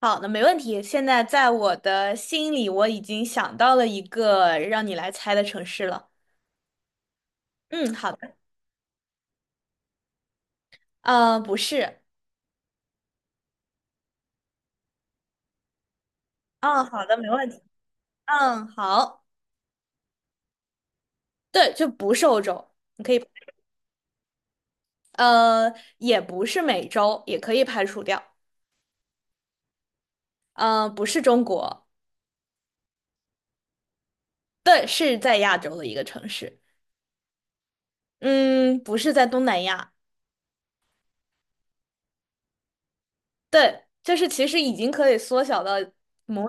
好的，没问题。现在在我的心里，我已经想到了一个让你来猜的城市了。嗯，好的。呃，不是。嗯，好的，没问题。嗯，好。对，就不是欧洲，你可以，呃，也不是美洲，也可以排除掉。不是中国，对，是在亚洲的一个城市。嗯，不是在东南亚，对，就是其实已经可以缩小到某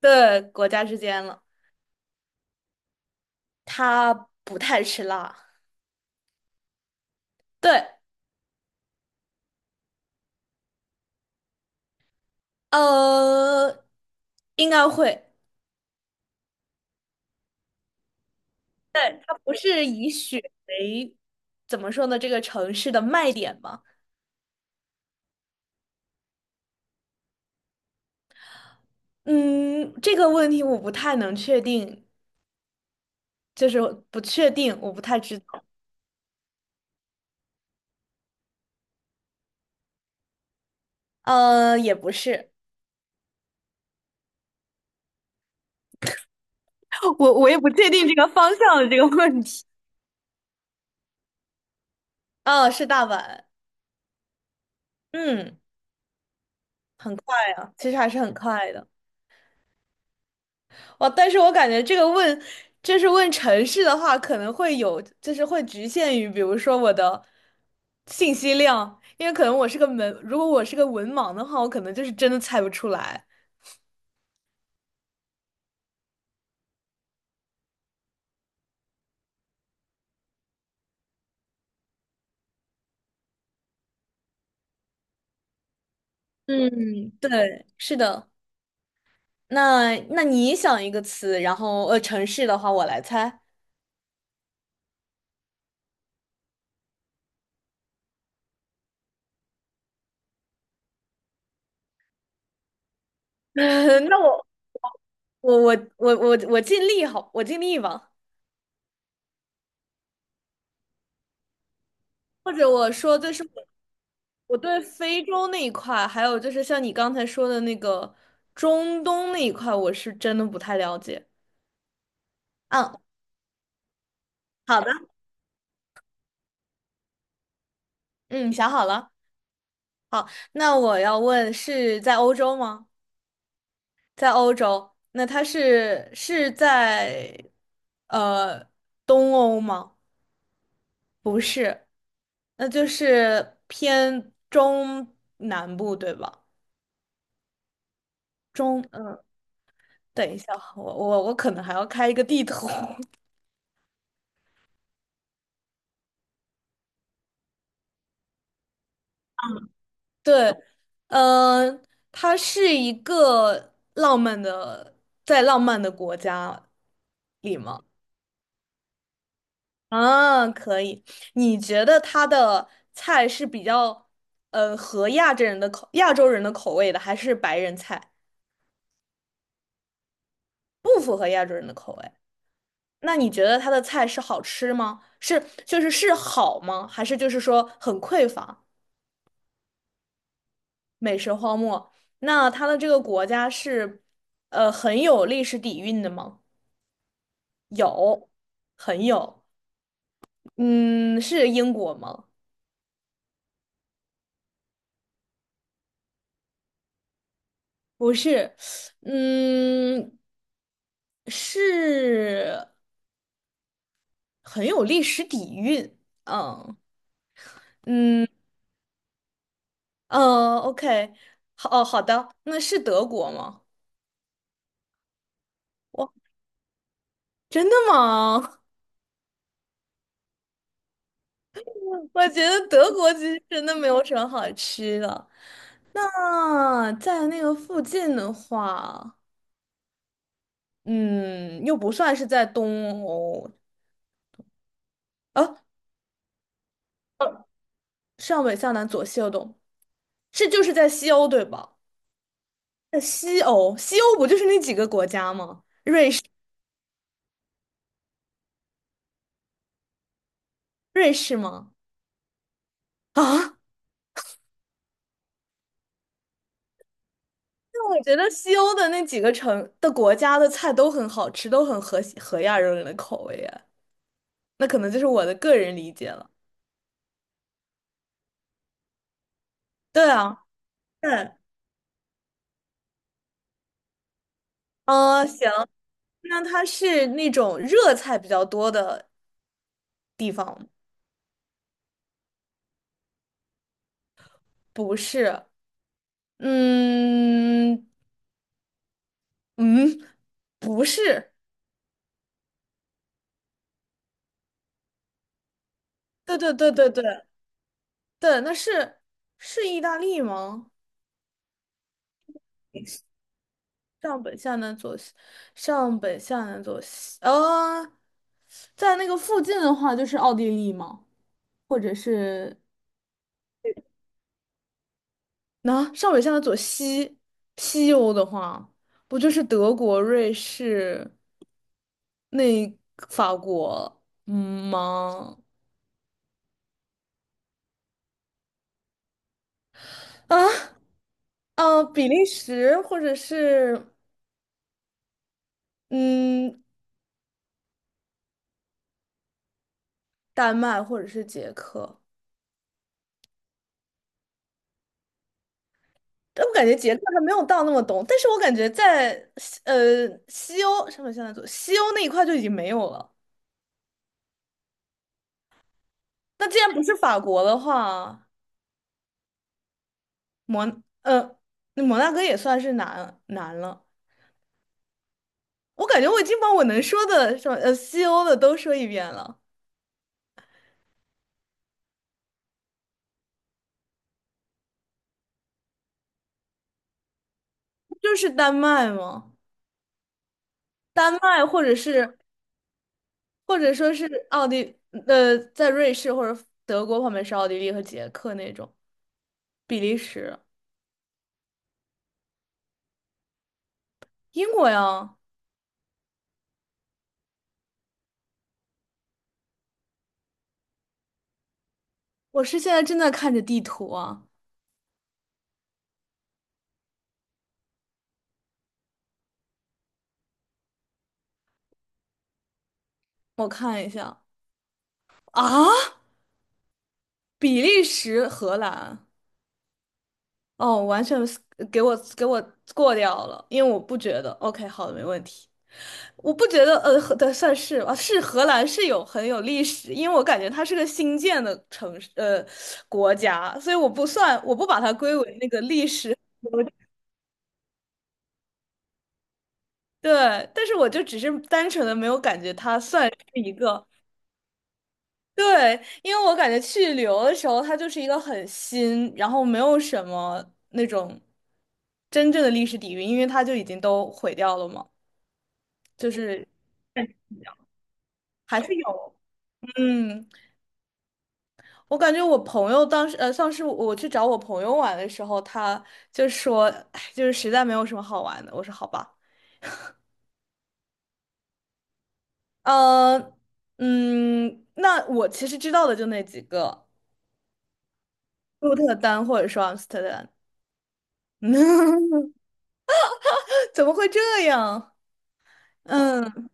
对国家之间了。他不太吃辣，对。呃，应该会，它不是以雪为怎么说呢，这个城市的卖点吗？嗯，这个问题我不太能确定，就是不确定，我不太知道。也不是，我也不确定这个方向的这个问题。哦，是大阪，嗯，很快啊，其实还是很快的。哦，但是我感觉这个问，就是问城市的话，可能会有，就是会局限于，比如说我的信息量，因为可能我是个文，如果我是个文盲的话，我可能就是真的猜不出来。嗯，对，是的。那你想一个词，然后城市的话我来猜。那我尽力好，我尽力吧。或者我说，就是我对非洲那一块，还有就是像你刚才说的那个中东那一块，我是真的不太了解。嗯，好的，嗯，想好了。好，那我要问是在欧洲吗？在欧洲，那它是在呃东欧吗？不是，那就是偏中南部，对吧？中，嗯，等一下，我可能还要开一个地图。对，嗯，它是一个浪漫的，在浪漫的国家里吗？啊，可以。你觉得它的菜是比较，合亚洲人的口，亚洲人的口味的，还是白人菜不符合亚洲人的口味？那你觉得它的菜是好吃吗？是，就是是好吗？还是就是说很匮乏，美食荒漠？那它的这个国家是，很有历史底蕴的吗？有，很有。嗯，是英国吗？不是，嗯，是很有历史底蕴。嗯嗯嗯，OK，好，哦，好的，那是德国吗？哇，真的吗？我觉得德国其实真的没有什么好吃的。那在那个附近的话，嗯，又不算是在东欧，啊，上北下南左西右东。是就是在西欧对吧？在西欧，西欧不就是那几个国家吗？瑞士吗？啊，那我觉得西欧的那几个城的国家的菜都很好吃，都很合亚洲人的口味耶。那可能就是我的个人理解了。对啊，对，嗯、行，那它是那种热菜比较多的地方吗？不是？嗯嗯，不是。对对对对对对，那是意大利吗？上北下南左西，上北下南左西，在那个附近的话就是奥地利嘛，或者是那、上北下南左西，西欧的话，不就是德国、瑞士、那法国，嗯吗？啊，比利时或者是嗯丹麦或者是捷克。但我感觉捷克还没有到那么懂，但是我感觉在西欧什么现在做西欧那一块就已经没有了。那既然不是法国的话，摩呃那摩纳哥也算是难了。我感觉我已经把我能说的什么西欧的都说一遍了，就是丹麦吗？丹麦或者是或者说是奥地在瑞士或者德国旁边是奥地利和捷克那种，比利时、英国呀。我是现在正在看着地图啊。我看一下啊，比利时、荷兰，哦，完全是给我过掉了，因为我不觉得。OK，好的，没问题。我不觉得，荷的算是吧，是荷兰是有很有历史，因为我感觉它是个新建的城市，国家，所以我不算，我不把它归为那个历史国家。 对，但是我就只是单纯的没有感觉它算是一个对，因为我感觉去旅游的时候，它就是一个很新，然后没有什么那种真正的历史底蕴，因为它就已经都毁掉了嘛，就是还是有。嗯，我感觉我朋友当时，上次我去找我朋友玩的时候，他就说，哎，就是实在没有什么好玩的。我说好吧，呃，嗯，那我其实知道的就那几个，鹿特丹或者说阿姆斯特丹。怎么会这样？嗯。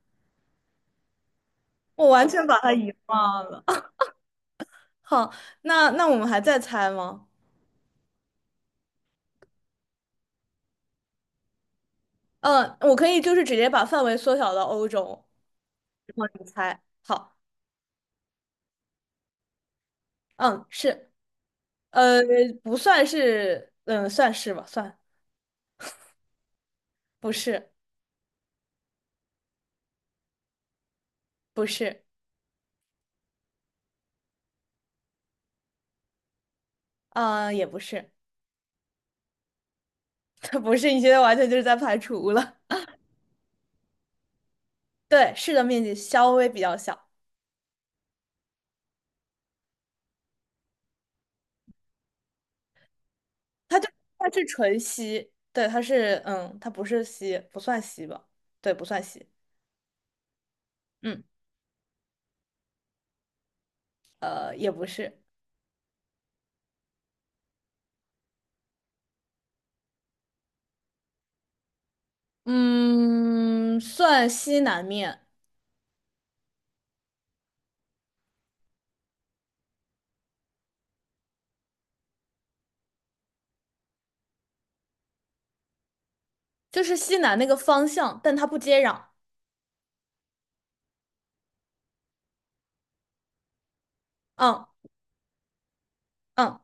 我完全把它遗忘了。好，那那我们还在猜吗？嗯，我可以就是直接把范围缩小到欧洲，然后你猜。好，嗯，是，呃，不算是，嗯，算是吧，算，不是，不是，啊、也不是，它不是，你现在完全就是在排除了。对，是的面积稍微比较小，它就它是纯稀，对，它是，嗯，它不是稀，不算稀吧？对，不算稀，嗯，也不是。嗯，算西南面，就是西南那个方向，但它不接壤。嗯嗯。